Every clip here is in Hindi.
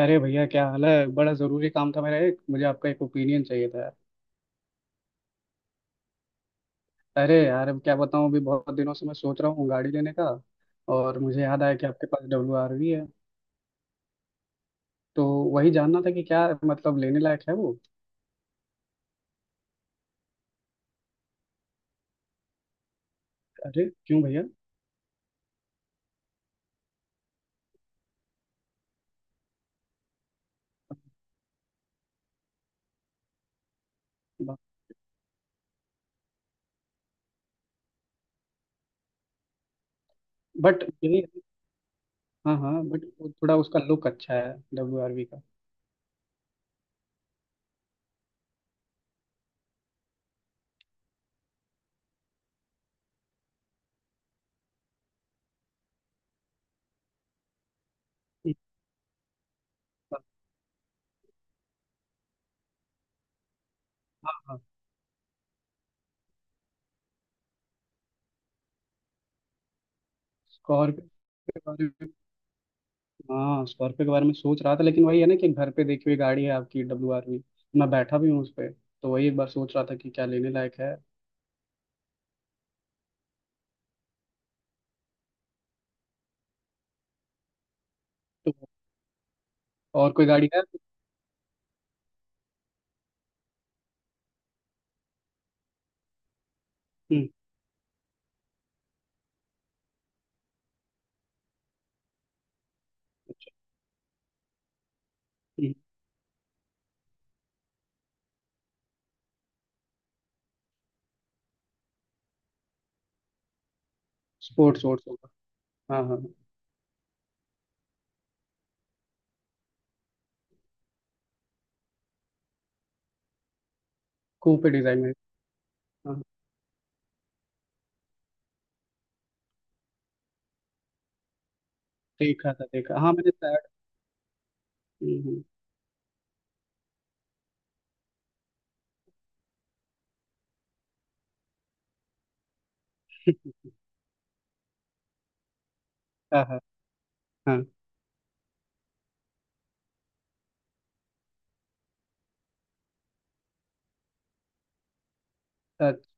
अरे भैया, क्या हाल है। बड़ा ज़रूरी काम था। मेरा एक मुझे आपका एक ओपिनियन चाहिए था। अरे यार, अब क्या बताऊँ। अभी बहुत दिनों से मैं सोच रहा हूँ गाड़ी लेने का। और मुझे याद आया कि आपके पास डब्ल्यू आर वी है। तो वही जानना था कि क्या मतलब लेने लायक है वो। अरे क्यों भैया। बट यही हाँ हाँ, बट थोड़ा उसका लुक अच्छा है डब्ल्यू आर वी का। हाँ स्कॉर्पियो के बारे में हाँ, स्कॉर्पियो के बारे में सोच रहा था, लेकिन वही है ना कि घर पे देखी हुई गाड़ी है आपकी डब्ल्यू आर वी। मैं बैठा भी हूँ उस पर, तो वही एक बार सोच रहा था कि क्या लेने लायक है। तो और कोई गाड़ी है। हम्म। अच्छा। हम्म। स्पोर्ट्स वोर्ट्स होगा। हाँ हाँ। कूपे डिजाइन में। हाँ। देखा था, देखा हाँ, मैंने शायद। हम्म। हाँ हाँ। हाँ। अच्छा।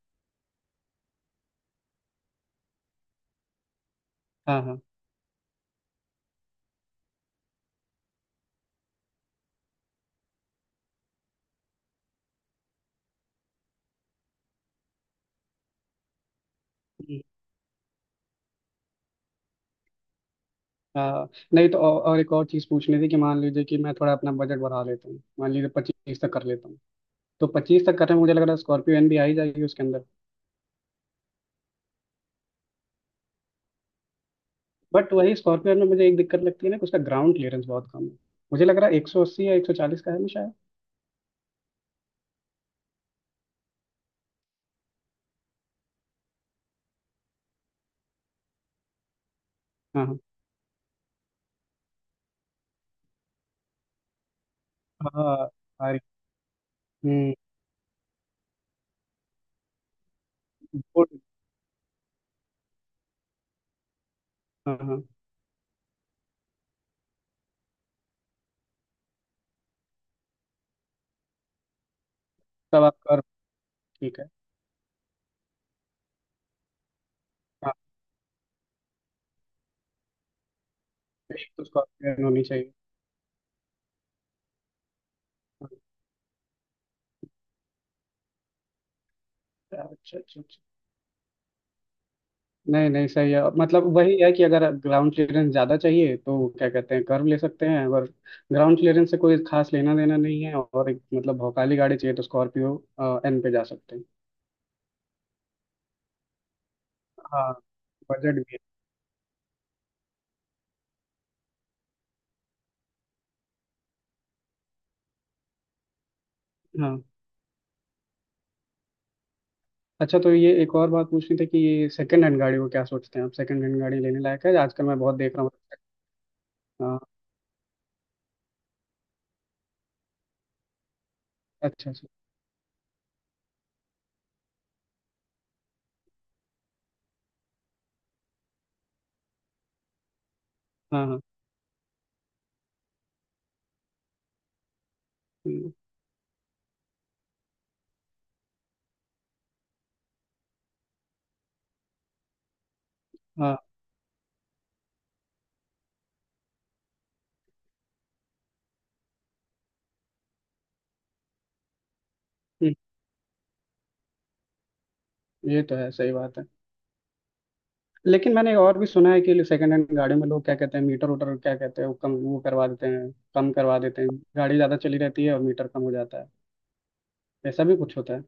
हाँ हाँ। हम्म। हाँ। नहीं तो, और एक और चीज़ पूछनी थी कि मान लीजिए कि मैं थोड़ा अपना बजट बढ़ा लेता हूँ, मान लीजिए 25 तक कर लेता हूँ। तो 25 तक करने में मुझे लग रहा है स्कॉर्पियो एन भी आ ही जाएगी उसके अंदर। बट वही, स्कॉर्पियो एन में मुझे एक दिक्कत लगती है ना कि उसका ग्राउंड क्लियरेंस बहुत कम है। मुझे लग रहा है 180 या 140 का है ना शायद। हाँ हाँ हाँ। हाँ। अरे। हम्म। good। हाँ हाँ। तब आप ठीक है। हाँ। एक तो स्कॉर्पियन होनी चाहिए। हाँ। अच्छा अच्छा अच्छा। नहीं नहीं, सही है। मतलब वही है कि अगर ग्राउंड क्लियरेंस ज़्यादा चाहिए तो क्या कहते हैं, कर्व ले सकते हैं। अगर ग्राउंड क्लियरेंस से कोई खास लेना देना नहीं है और एक मतलब भौकाली गाड़ी चाहिए तो स्कॉर्पियो एन पे जा सकते हैं। हाँ। बजट भी है। हाँ। अच्छा, तो ये एक और बात पूछनी थी कि ये सेकंड हैंड गाड़ी को क्या सोचते हैं आप। सेकंड हैंड गाड़ी लेने लायक है। आजकल मैं बहुत देख रहा हूँ। हाँ। अच्छा अच्छा। हाँ हाँ। हम्म। हाँ। हम्म। ये तो है, सही बात है। लेकिन मैंने और भी सुना है कि सेकंड हैंड गाड़ी में लोग क्या कहते हैं मीटर उटर क्या कहते हैं, वो कम, वो करवा देते हैं, कम करवा देते हैं। गाड़ी ज़्यादा चली रहती है और मीटर कम हो जाता है। ऐसा भी कुछ होता है।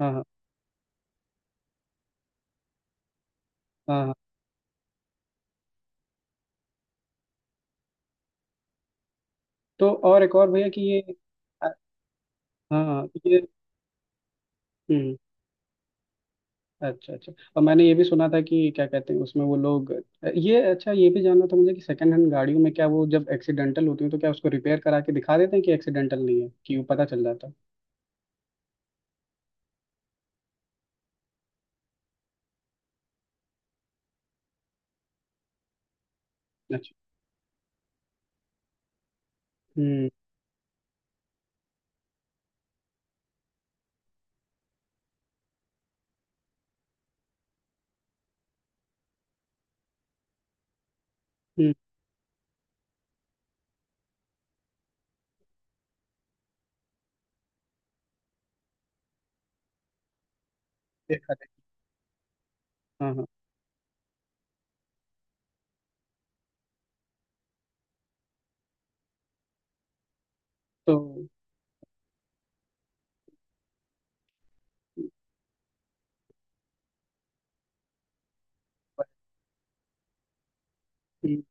हाँ हाँ। हाँ हाँ। तो और एक और भैया कि ये। अ- हाँ हाँ, ये। हम्म। अच्छा अच्छा। और मैंने ये भी सुना था कि क्या कहते हैं उसमें वो लोग। ये अच्छा, ये भी जानना था मुझे कि सेकंड हैंड गाड़ियों में क्या वो जब एक्सीडेंटल होती है तो क्या उसको रिपेयर करा के दिखा देते हैं कि एक्सीडेंटल नहीं है, कि वो पता चल जाता है। अच्छा। हम्म। हम्म। देखा देखा। हाँ हाँ। तो। हम्म।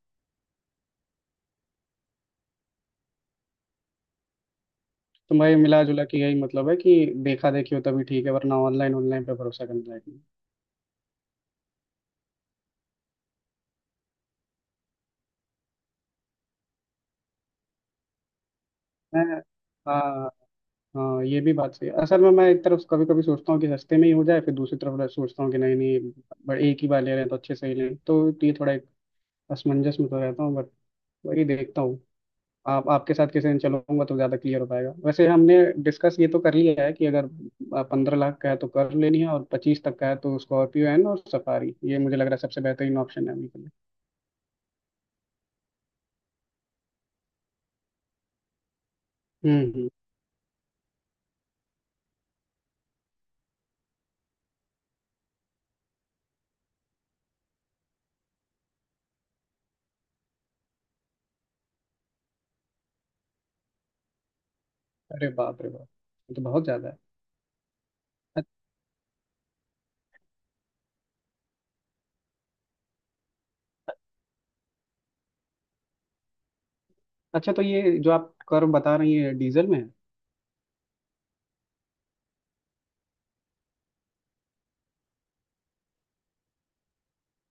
तो भाई, मिला जुला के यही मतलब है कि देखा देखी हो तभी ठीक है, वरना ऑनलाइन, ऑनलाइन पे भरोसा करना है। मैं हाँ हाँ, ये भी बात सही है। असल में मैं एक तरफ कभी कभी सोचता हूँ कि सस्ते में ही हो जाए, फिर दूसरी तरफ सोचता हूँ कि नहीं नहीं, बट एक ही बार ले रहे हैं तो अच्छे से ही लें। तो ये थोड़ा एक असमंजस में तो रहता हूँ। बट वही देखता हूँ। आप आपके साथ किसी दिन चलूंगा तो ज़्यादा क्लियर हो पाएगा। वैसे हमने डिस्कस ये तो कर लिया है कि अगर 15 लाख का है तो कर लेनी है, और 25 तक का है तो स्कॉर्पियो एन और सफारी, ये मुझे लग रहा है सबसे बेहतरीन ऑप्शन है अभी के लिए। हम्म। अरे बाप रे बाप, ये तो बहुत ज्यादा है। अच- अच्छा, तो ये जो आप कर्व बता रही है डीजल में है।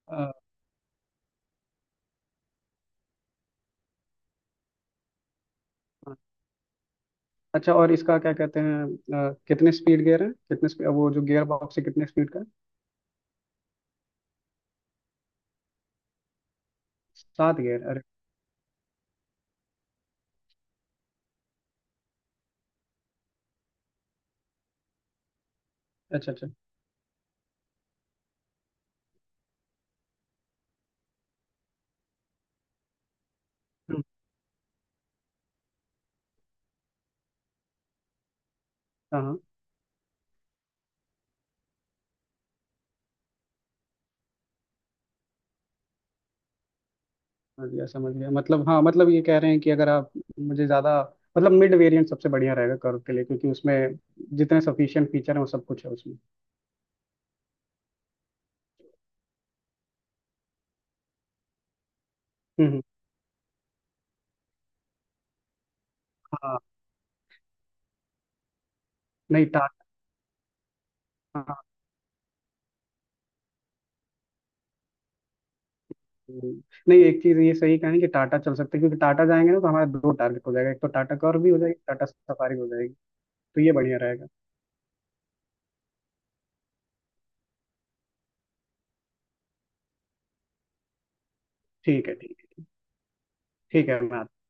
अ, अच्छा, और इसका क्या कहते हैं। कितने स्पीड गियर है, कितने स्पीड, वो जो गियर बॉक्स है कितने स्पीड का है? सात गियर, अरे। अच्छा अच्छा। हम्म। हाँ हाँ। समझ गया, समझ गया। मतलब हाँ, मतलब ये कह रहे हैं कि अगर आप मुझे ज्यादा मतलब मिड वेरिएंट सबसे बढ़िया रहेगा कर्व के लिए, क्योंकि उसमें जितने सफिशिएंट फीचर हैं वो सब कुछ है उसमें। हम्म। हम्म। हाँ। नहीं टा हम्म। नहीं, एक चीज ये सही कहें कि टाटा चल सकते हैं, क्योंकि टाटा जाएंगे ना तो हमारा दो टारगेट हो जाएगा, एक तो टाटा कर्व भी हो जाएगी, टाटा सफारी हो जाएगी। तो ये बढ़िया रहेगा। ठीक है ठीक है। ठीक है, मैं आता हूँ।